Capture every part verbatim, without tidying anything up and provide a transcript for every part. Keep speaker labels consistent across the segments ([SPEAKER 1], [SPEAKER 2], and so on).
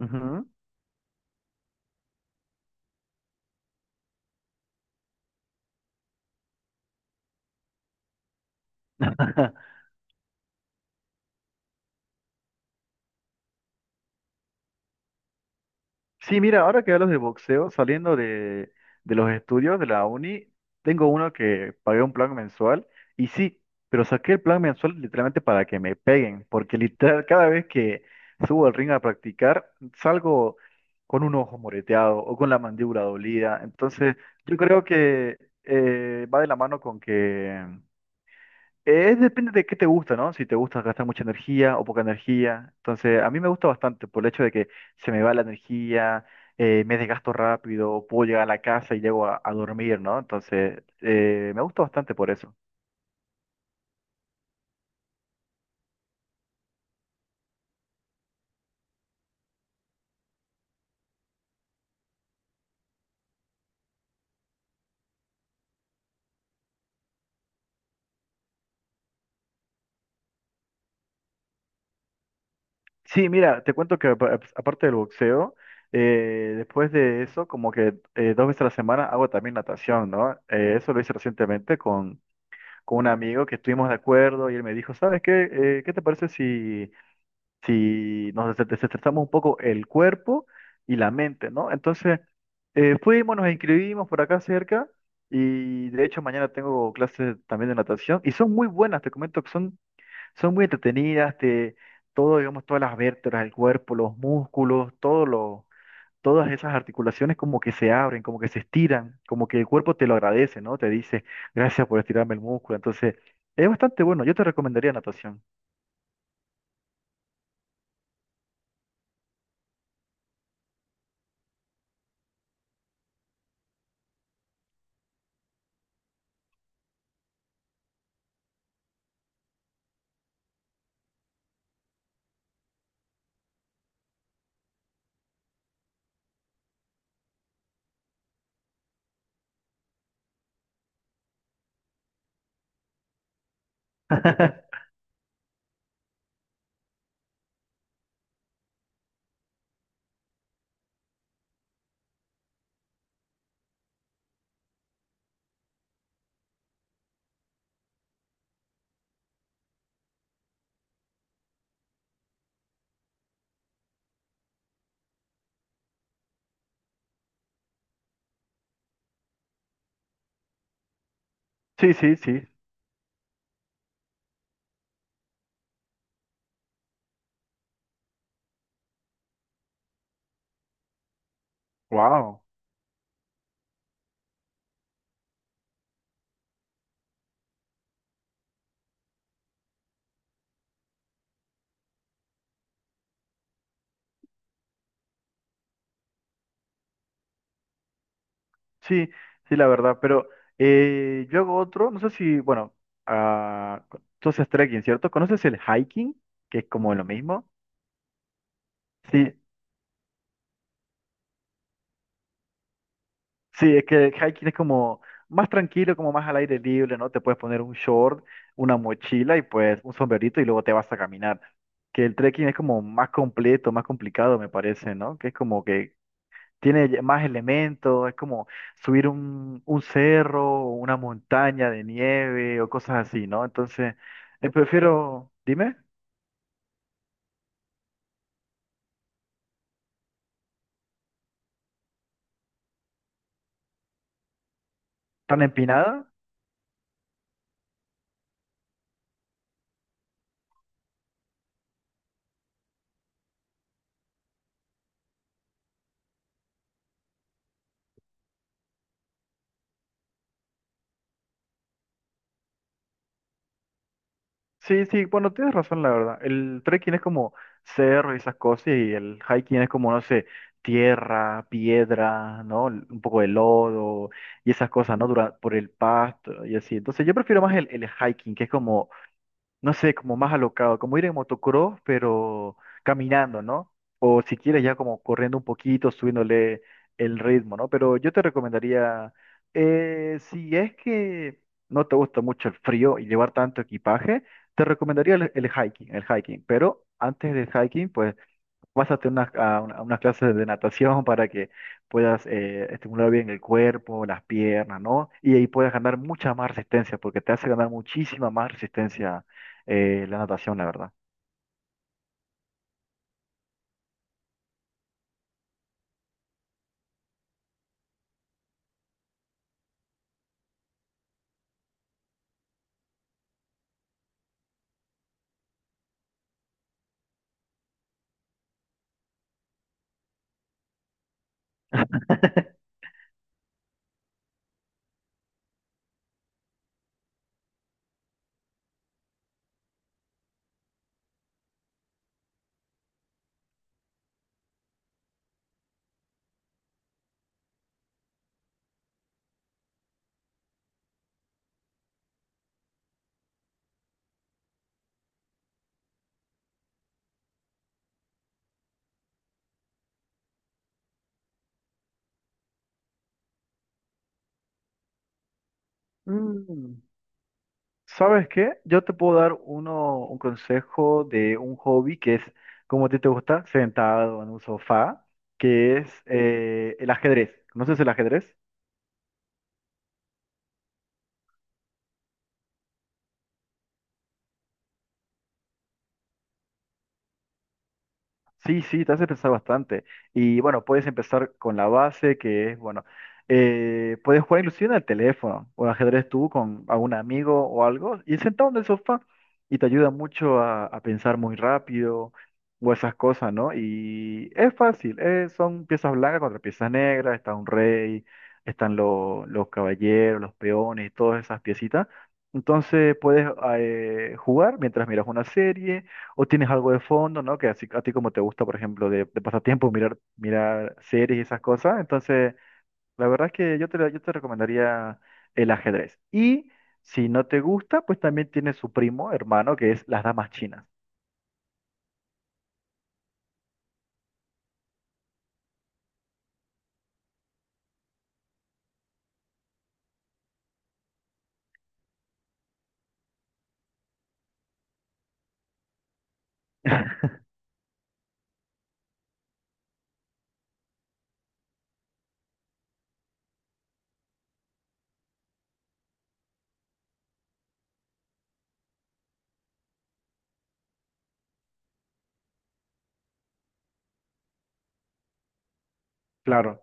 [SPEAKER 1] Ujú. Sí, mira, ahora que hablas de boxeo, saliendo de, de los estudios de la uni, tengo uno que pagué un plan mensual y sí, pero saqué el plan mensual literalmente para que me peguen, porque literal cada vez que subo al ring a practicar, salgo con un ojo moreteado o con la mandíbula dolida. Entonces, yo creo que eh, va de la mano con que es depende de qué te gusta, ¿no? Si te gusta gastar mucha energía o poca energía. Entonces, a mí me gusta bastante por el hecho de que se me va la energía, eh, me desgasto rápido, puedo llegar a la casa y llego a, a dormir, ¿no? Entonces, eh, me gusta bastante por eso. Sí, mira, te cuento que apa- aparte del boxeo, eh, después de eso, como que eh, dos veces a la semana hago también natación, ¿no? Eh, eso lo hice recientemente con, con un amigo que estuvimos de acuerdo y él me dijo, ¿sabes qué? Eh, ¿qué te parece si... si nos des- desestresamos un poco el cuerpo y la mente, ¿no? Entonces, eh, fuimos, nos inscribimos por acá cerca y de hecho mañana tengo clases también de natación y son muy buenas, te comento que son, son muy entretenidas, te, todo, digamos, todas las vértebras del cuerpo, los músculos, todo lo- todas esas articulaciones como que se abren, como que se estiran, como que el cuerpo te lo agradece, ¿no? Te dice, gracias por estirarme el músculo. Entonces, es bastante bueno, yo te recomendaría natación. Sí, sí, sí. Wow. Sí, sí, la verdad, pero eh, yo hago otro, no sé si, bueno, ah, tú haces trekking, ¿cierto? ¿Conoces el hiking? Que es como lo mismo. Sí, sí, es que el hiking es como más tranquilo, como más al aire libre, ¿no? Te puedes poner un short, una mochila y pues un sombrerito y luego te vas a caminar. Que el trekking es como más completo, más complicado, me parece, ¿no? Que es como que tiene ye- más elementos, es como subir un, un cerro o una montaña de nieve o cosas así, ¿no? Entonces, eh, prefiero, dime, ¿tan empinada? Sí, sí, bueno, tienes razón, la verdad. El trekking es como cerro y esas cosas y el hiking es como, no sé, tierra, piedra, ¿no? L- Un poco de lodo y esas cosas, ¿no? Dura- por el pasto y así. Entonces, yo prefiero más el, el hiking, que es como no sé, como más alocado, como ir en motocross, pero caminando, ¿no? O si quieres ya como corriendo un poquito, subiéndole el ritmo, ¿no? Pero yo te recomendaría, eh, si es que no te gusta mucho el frío y llevar tanto equipaje, te recomendaría el, el hiking, el hiking. Pero antes del hiking, pues pásate unas- a una, a unas clases de natación para que puedas eh, estimular bien el cuerpo, las piernas, ¿no? Y ahí puedes ganar mucha más resistencia, porque te hace ganar muchísima más resistencia eh, la natación, la verdad. Mm, ¿Sabes qué? Yo te puedo dar uno, un consejo de un hobby que es, como a ti te gusta, sentado en un sofá, que es eh, el ajedrez. ¿Conoces el ajedrez? Sí, sí, te hace pensar bastante. Y bueno, puedes empezar con la base, que es, bueno, eh, puedes jugar inclusive en el teléfono o ajedrez tú con algún amigo o algo, y sentado en el sofá, y te ayuda mucho a, a pensar muy rápido o esas cosas, ¿no? Y es fácil, eh, son piezas blancas contra piezas negras, está un rey, están lo- los caballeros, los peones, todas esas piecitas. Entonces puedes ah, eh, jugar mientras miras una serie o tienes algo de fondo, ¿no? Que así, a ti como te gusta, por ejemplo, de, de pasatiempo, mirar, mirar series y esas cosas. Entonces, la verdad es que yo te, yo te recomendaría el ajedrez. Y si no te gusta, pues también tiene su primo, hermano, que es las damas chinas. Claro.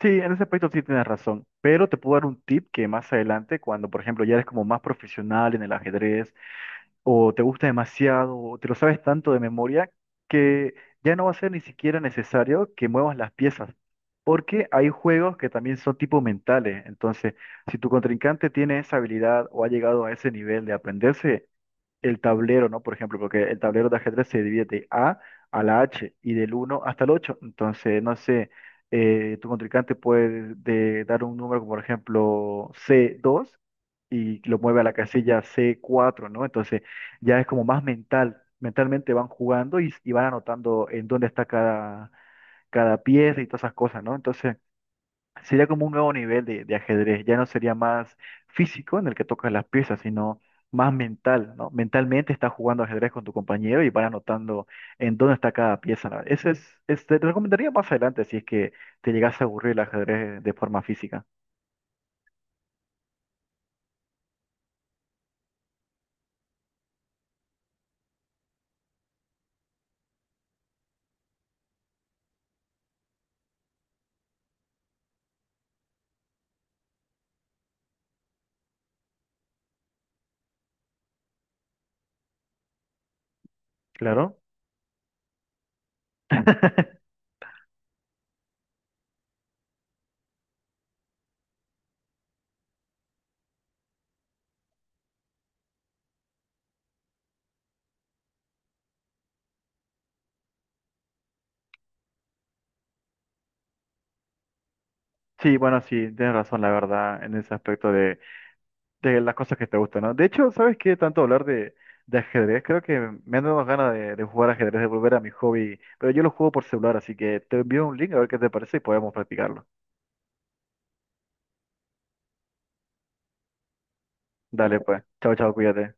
[SPEAKER 1] Sí, en ese aspecto sí tienes razón, pero te puedo dar un tip que más adelante, cuando por ejemplo ya eres como más profesional en el ajedrez o te gusta demasiado, o te lo sabes tanto de memoria, que ya no va a ser ni siquiera necesario que muevas las piezas, porque hay juegos que también son tipo mentales. Entonces, si tu contrincante tiene esa habilidad o ha llegado a ese nivel de aprenderse, el tablero, ¿no? Por ejemplo, porque el tablero de ajedrez se divide de A a la H y del uno hasta el ocho. Entonces, no sé, eh, tu contrincante puede de- dar un número como por ejemplo c dos y lo mueve a la casilla c cuatro, ¿no? Entonces, ya es como más mental. Mentalmente van jugando y, y van anotando en dónde está cada, cada pieza y todas esas cosas, ¿no? Entonces, sería como un nuevo nivel de, de ajedrez. Ya no sería más físico en el que tocas las piezas, sino más mental, ¿no? Mentalmente estás jugando ajedrez con tu compañero y van anotando en dónde está cada pieza. ¿No? Ese es, es- te recomendaría más adelante si es que te llegas a aburrir el ajedrez de forma física. Claro. Sí, bueno, sí, tienes razón, la verdad, en ese aspecto de las cosas que te gustan, ¿no? De hecho, ¿sabes qué? Tanto hablar de, de ajedrez, creo que me han dado ganas de, de jugar ajedrez, de volver a mi hobby, pero yo lo juego por celular, así que te envío un link a ver qué te parece y podemos practicarlo. Dale, pues. Chao, chao, cuídate.